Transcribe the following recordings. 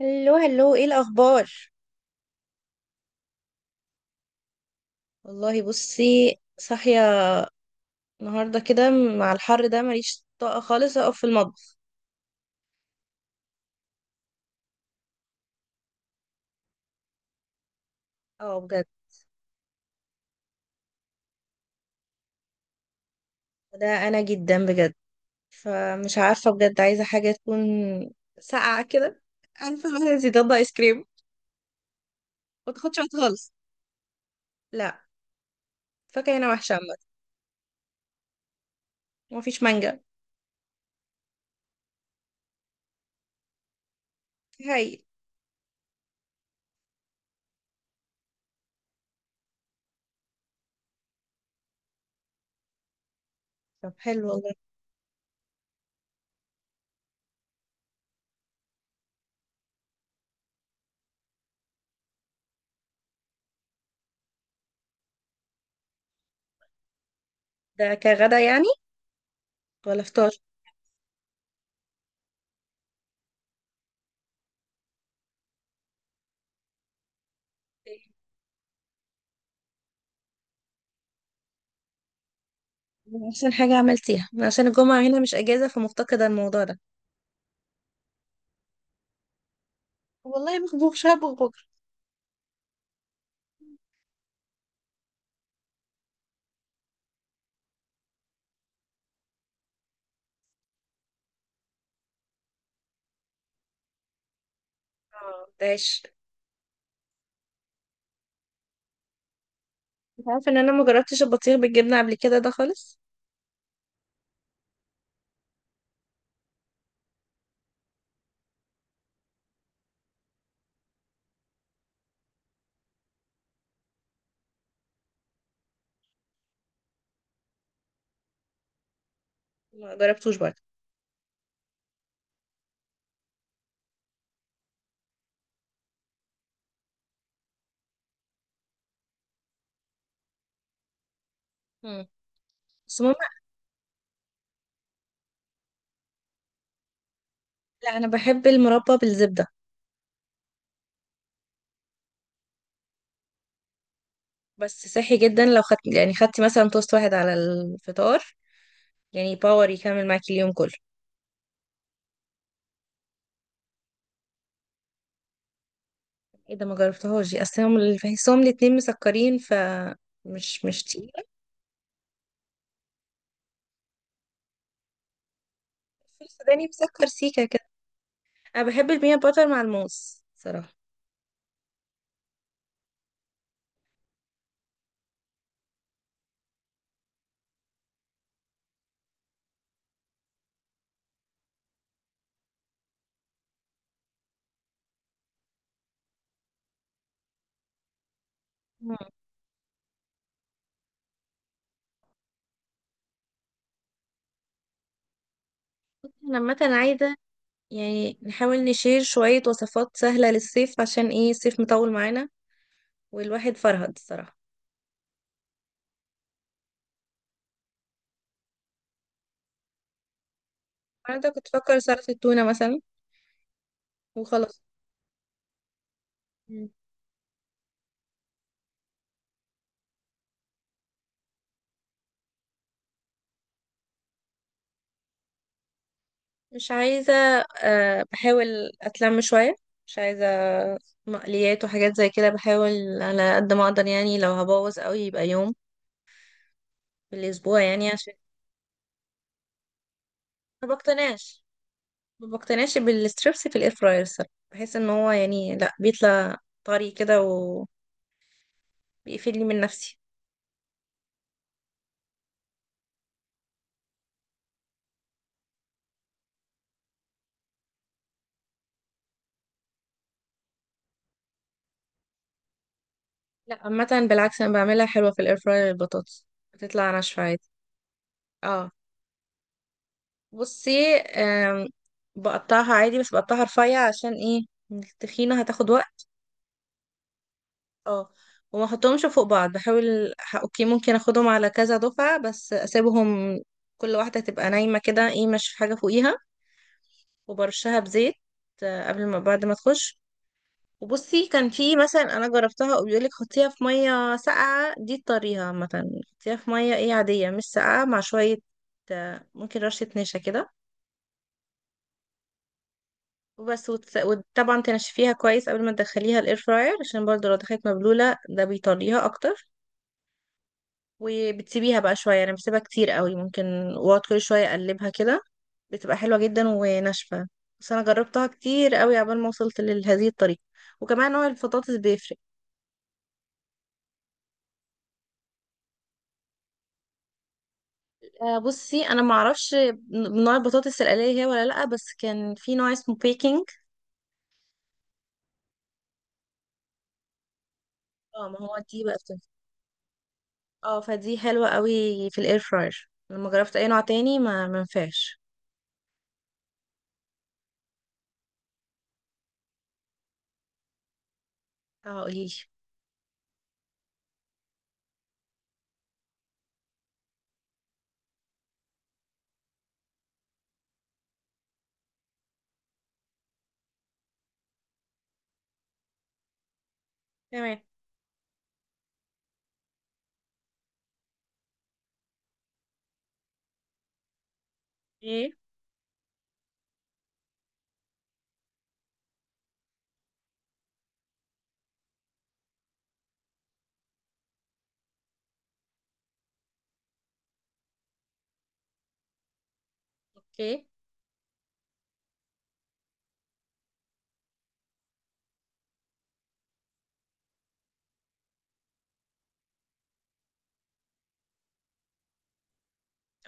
الو، هلو، ايه الاخبار؟ والله بصي، صاحيه النهارده كده، مع الحر ده ماليش طاقه خالص اقف في المطبخ. اه بجد، ده انا جدا بجد، فمش عارفه بجد، عايزه حاجه تكون ساقعه كده، عارفه مثلا زي ضد ايس كريم، ما تاخدش وقت خالص. لا، فاكهه هنا وحشه عامه، مفيش مانجا. هاي. طب حلو والله. ده كغدا يعني ولا فطار؟ احسن حاجه عملتيها، عشان الجمعه هنا مش اجازه، فمفتقده الموضوع ده. والله مخبوخ شاب بكره. اه، ده عيش. انت عارفه ان انا ما جربتش البطيخ بالجبنه قبل كده ده خالص، ما جربتوش برضه. مم. بس ماما، لا انا بحب المربى بالزبده. بس صحي جدا لو خدت يعني خدتي مثلا توست واحد على الفطار، يعني باور يكمل معاكي اليوم كله. ايه ده، ما جربتهاش دي، اصل هم بحسهم الاتنين مسكرين، مش تقيله. الفول السوداني مسكر سيكه كده. انا بحب البينات باتر مع الموز صراحه. مم. انا عامه عايزه، يعني نحاول نشير شويه وصفات سهله للصيف، عشان ايه الصيف مطول معانا، والواحد فرهد الصراحة. انا ده كنت بفكر سلطة التونة مثلا، وخلاص. مم. مش عايزة. بحاول أتلم شوية، مش عايزة مقليات وحاجات زي كده، بحاول على قد ما أقدر يعني، لو هبوظ قوي يبقى يوم في الأسبوع يعني عشان... ما بقتنعش ما بقتنعش بالستريبس في الإير فراير الصراحة، بحس إن هو يعني لأ، بيطلع طري كده، وبيقفلني من نفسي. لأ عامة بالعكس، أنا بعملها حلوة في الإير فراير، البطاطس بتطلع ناشفة عادي. اه بصي، بقطعها عادي، بس بقطعها رفيع عشان ايه التخينة هتاخد وقت. اه، وما احطهمش فوق بعض، بحاول اوكي ممكن اخدهم على كذا دفعة، بس اسيبهم كل واحدة تبقى نايمة كده، ايه مش حاجة فوقيها. وبرشها بزيت قبل ما بعد ما تخش. وبصي كان في مثلا انا جربتها وبيقولك حطيها في مية ساقعة، دي الطريقة عامة، حطيها في مية ايه عادية مش ساقعة مع شوية، ممكن رشة نشا كده. وبس، وطبعا تنشفيها كويس قبل ما تدخليها الاير فراير، عشان برضو لو دخلت مبلولة ده بيطريها اكتر. وبتسيبيها بقى شوية، انا بسيبها كتير قوي، ممكن واقعد كل شوية اقلبها كده، بتبقى حلوة جدا وناشفة. بس انا جربتها كتير قوي عبال ما وصلت لهذه الطريقة، وكمان نوع البطاطس بيفرق. بصي انا ما اعرفش نوع البطاطس الآلية هي ولا لا، بس كان في نوع اسمه بيكنج. اه، ما هو دي بقى بتنفع. اه، فدي حلوة قوي في الاير فراير، لما جربت اي نوع تاني ما منفعش. اه قوليلي. تمام. ايه. اوكي،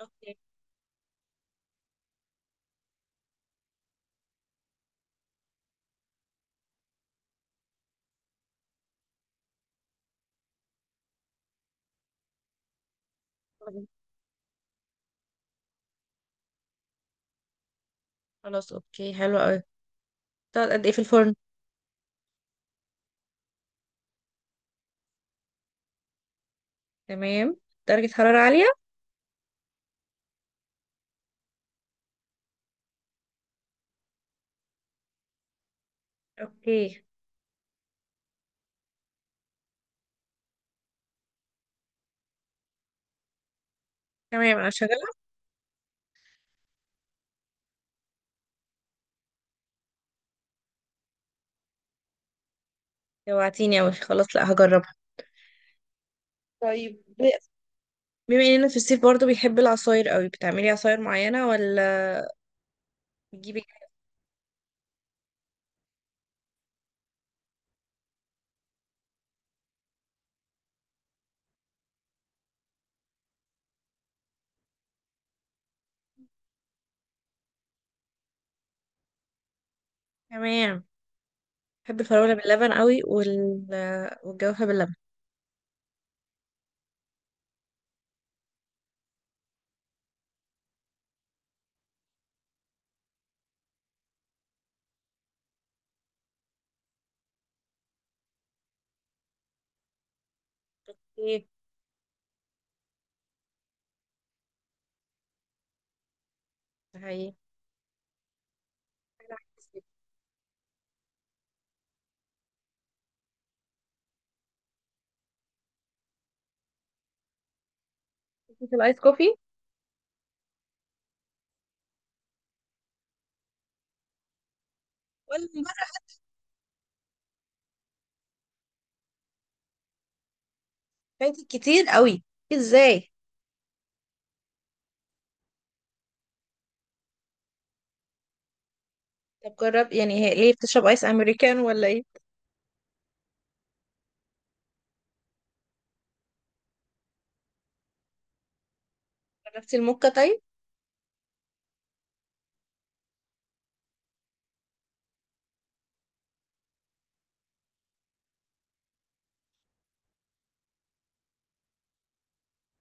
اوكي. تمام. خلاص اوكي حلو قوي. تقعد قد ايه في الفرن؟ تمام. درجة حرارة عالية. اوكي. تمام، انا شغالة. جوعتيني اوي، خلاص لا هجربها. طيب، بما اننا في الصيف برضو بيحب العصاير قوي، بتعملي عصاير معينة ولا بتجيبي؟ تمام. بحب الفراولة باللبن قوي والجوافة باللبن. ايه ده حقيقي. أنا عكسك. ليكي في الايس كوفي؟ ولا بقى؟ فايتك كتير قوي. ازاي؟ طب جرب، يعني هي ليه بتشرب ايس امريكان ولا ايه؟ جربتي الموكا طيب؟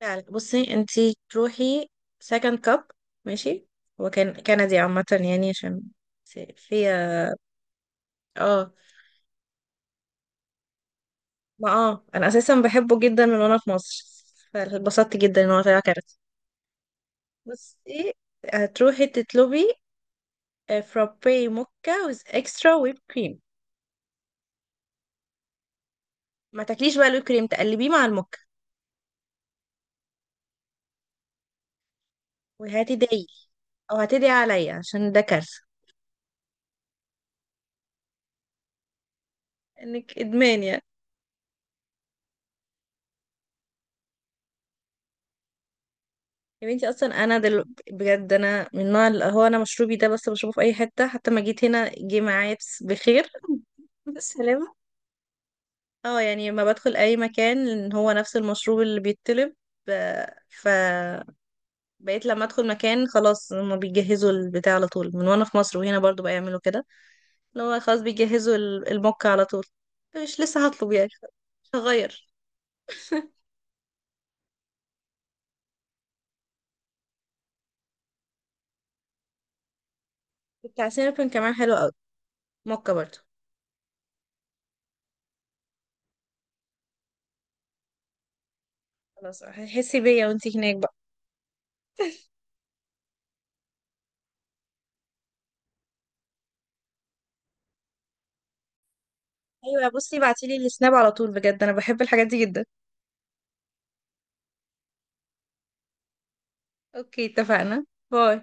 فعلا. بصي انتي تروحي سكند كاب. ماشي. هو كان كندي عامة يعني عشان فيها. اه، ما انا اساسا بحبه جدا من وانا في مصر، فاتبسطت جدا ان هو طلع كندي. بصي، هتروحي تطلبي فرابي موكا ويز اكسترا ويب كريم. ما تاكليش بقى الويب كريم، تقلبيه مع الموكا، وهتدعي، او هتدعي عليا عشان ده كارثة. انك ادمان يعني. يا بنتي اصلا انا بجد انا من النوع اللي هو انا مشروبي ده بس بشربه في اي حته، حتى ما جيت هنا جه معايا بخير. بالسلامه. اه يعني لما بدخل اي مكان ان هو نفس المشروب اللي بيتطلب، فبقيت لما ادخل مكان خلاص هما بيجهزوا البتاع على طول من وانا في مصر، وهنا برضو بيعملوا كده. اللي هو خلاص بيجهزوا الموكا على طول، مش لسه هطلب يعني، مش هغير. بتاع سينابون كمان حلو قوي، موكا برضو. خلاص، هتحسي بيا وانتي هناك بقى. ايوه بصي، بعتيلي السناب على طول بجد، انا بحب الحاجات دي جدا. اوكي اتفقنا. باي.